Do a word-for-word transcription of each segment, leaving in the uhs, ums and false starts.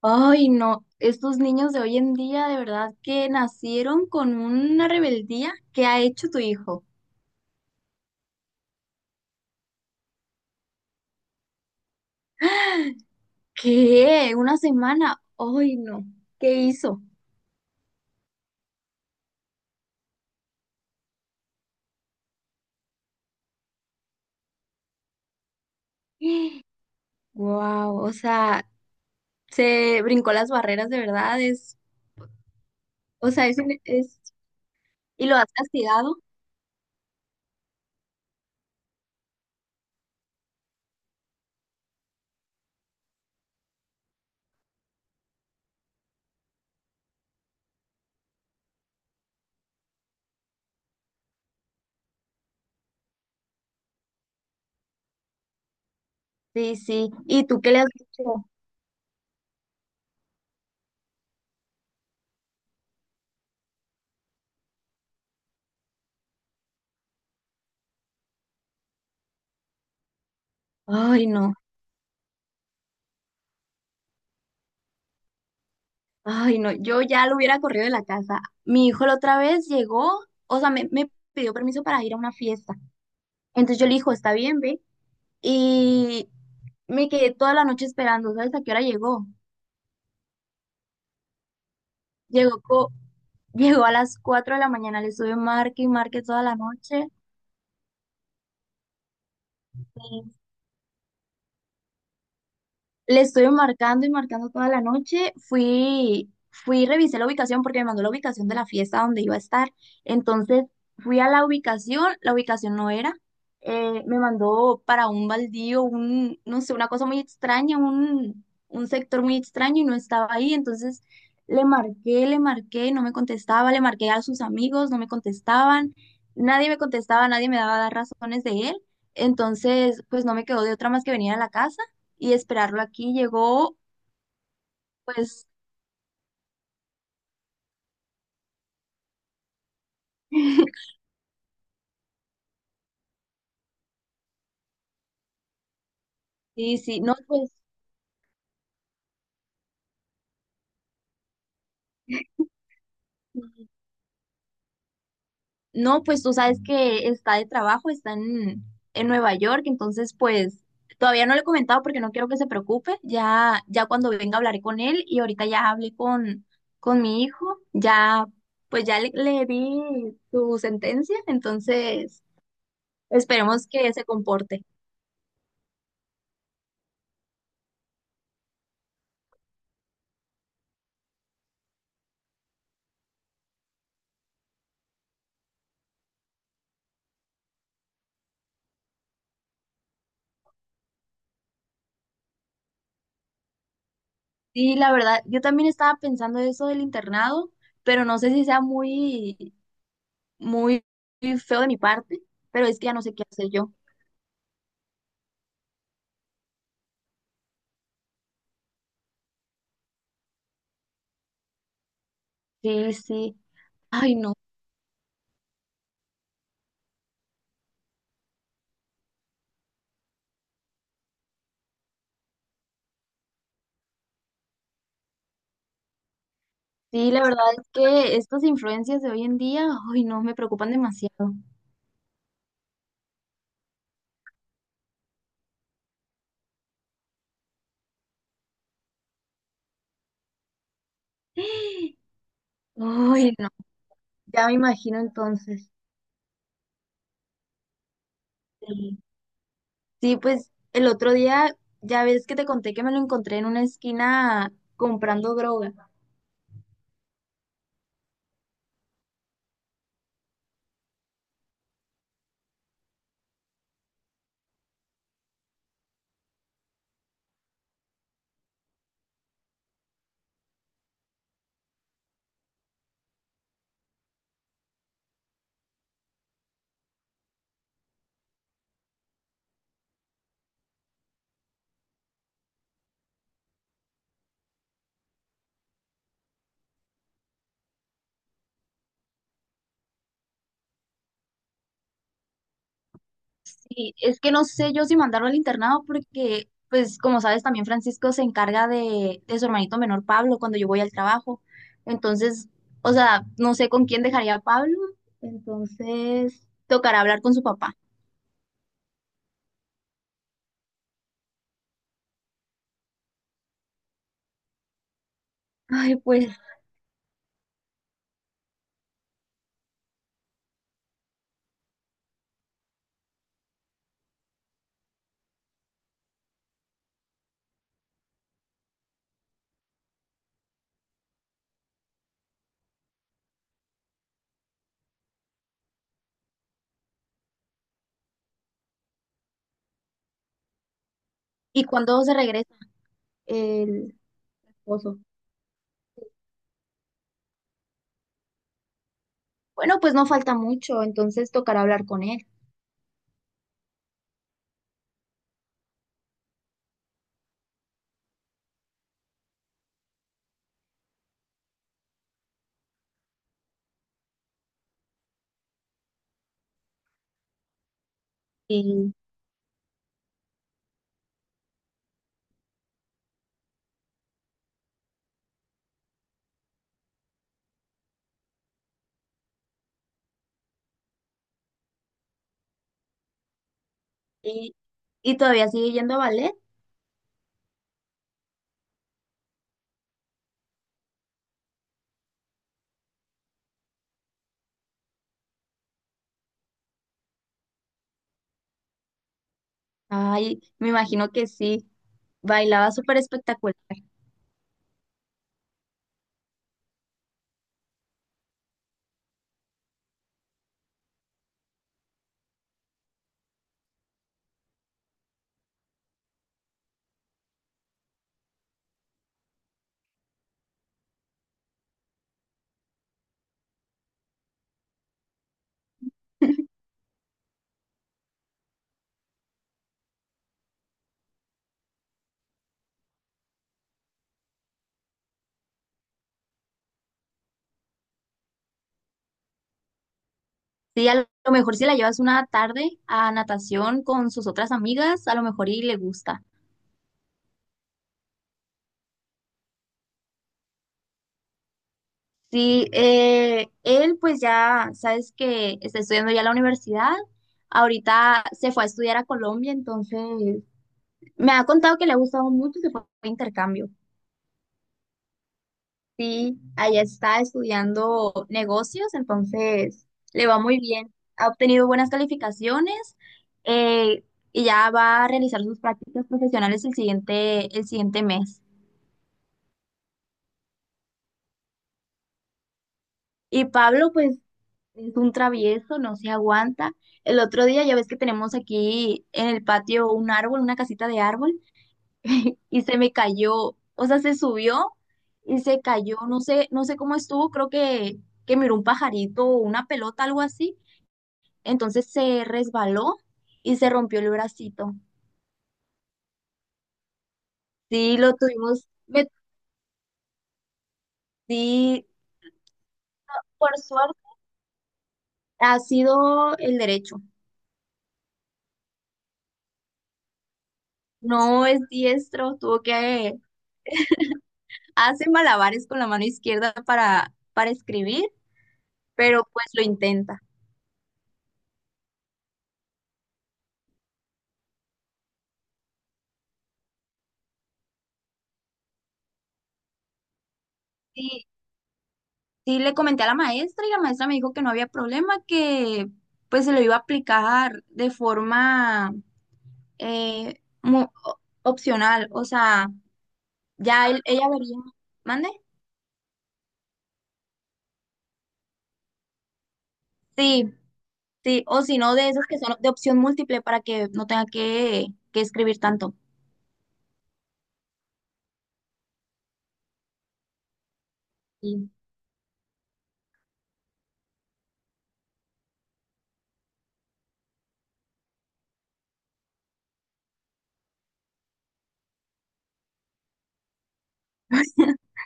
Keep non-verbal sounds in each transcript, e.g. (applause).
Ay, no, estos niños de hoy en día de verdad que nacieron con una rebeldía. ¿Qué ha hecho tu hijo? ¿Qué? ¿Una semana? Ay, no, ¿qué hizo? (gasps) Wow, o sea, se brincó las barreras de verdad, es, o sea, es, es, y lo has castigado. Sí, sí, ¿y tú qué le has dicho? Ay, no, ay, no, yo ya lo hubiera corrido de la casa. Mi hijo la otra vez llegó, o sea, me, me pidió permiso para ir a una fiesta. Entonces yo le dije, está bien, ve. Y me quedé toda la noche esperando, ¿sabes a qué hora llegó? Llegó, co- (laughs) llegó a las cuatro de la mañana, le estuve marque y marque toda la noche. Le estuve marcando y marcando toda la noche. Fui, fui, revisé la ubicación porque me mandó la ubicación de la fiesta donde iba a estar. Entonces fui a la ubicación, la ubicación no era. Eh, me mandó para un baldío, un, no sé, una cosa muy extraña, un, un sector muy extraño y no estaba ahí. Entonces le marqué, le marqué, no me contestaba, le marqué a sus amigos, no me contestaban. Nadie me contestaba, nadie me daba razones de él. Entonces, pues no me quedó de otra más que venir a la casa y esperarlo aquí. Llegó, pues, sí, sí, no, pues, no, pues tú sabes que está de trabajo, está en, en Nueva York, entonces, pues, todavía no le he comentado porque no quiero que se preocupe. Ya, ya cuando venga hablaré con él y ahorita ya hablé con, con mi hijo, ya, pues ya le, le di su sentencia, entonces, esperemos que se comporte. Sí, la verdad, yo también estaba pensando eso del internado, pero no sé si sea muy muy feo de mi parte, pero es que ya no sé qué hacer yo. Sí, sí. Ay, no. Sí, la verdad es que estas influencias de hoy en día, ay, no, me preocupan demasiado. (gasps) Ay, no. Ya me imagino entonces. Sí, sí, pues el otro día, ya ves que te conté que me lo encontré en una esquina comprando droga. Sí, es que no sé yo si mandarlo al internado porque, pues, como sabes, también Francisco se encarga de, de su hermanito menor Pablo cuando yo voy al trabajo. Entonces, o sea, no sé con quién dejaría a Pablo. Entonces, tocará hablar con su papá. (laughs) Ay, pues, ¿y cuándo se regresa el esposo? Bueno, pues no falta mucho, entonces tocará hablar con él. Y, y, y todavía sigue yendo a ballet. Ay, me imagino que sí, bailaba súper espectacular. Sí, a lo mejor si la llevas una tarde a natación con sus otras amigas, a lo mejor y le gusta. Sí, eh, él pues ya sabes que está estudiando ya la universidad. Ahorita se fue a estudiar a Colombia, entonces me ha contado que le ha gustado mucho, se fue a intercambio. Sí, allá está estudiando negocios, entonces le va muy bien. Ha obtenido buenas calificaciones eh, y ya va a realizar sus prácticas profesionales el siguiente, el siguiente mes. Y Pablo, pues, es un travieso, no se aguanta. El otro día, ya ves que tenemos aquí en el patio un árbol, una casita de árbol, (laughs) y se me cayó, o sea, se subió y se cayó, no sé, no sé cómo estuvo, creo que, que miró un pajarito o una pelota, algo así. Entonces se resbaló y se rompió el bracito. Sí, lo tuvimos, me- sí, por suerte, ha sido el derecho. No es diestro, tuvo que hace malabares con la mano izquierda para, para escribir, pero pues lo intenta. Sí, sí, le comenté a la maestra y la maestra me dijo que no había problema, que pues se lo iba a aplicar de forma eh, mu- o- opcional, o sea, ya él- ella vería. ¿Mande? Sí, sí, o si no, de esos que son de opción múltiple para que no tenga que, que escribir tanto. Sí. (laughs)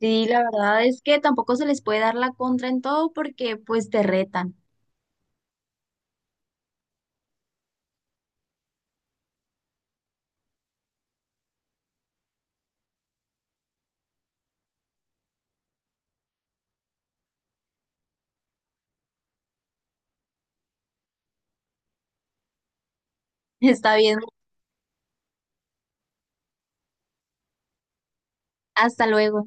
Sí, la verdad es que tampoco se les puede dar la contra en todo porque pues te retan. (laughs) Está bien. Hasta luego.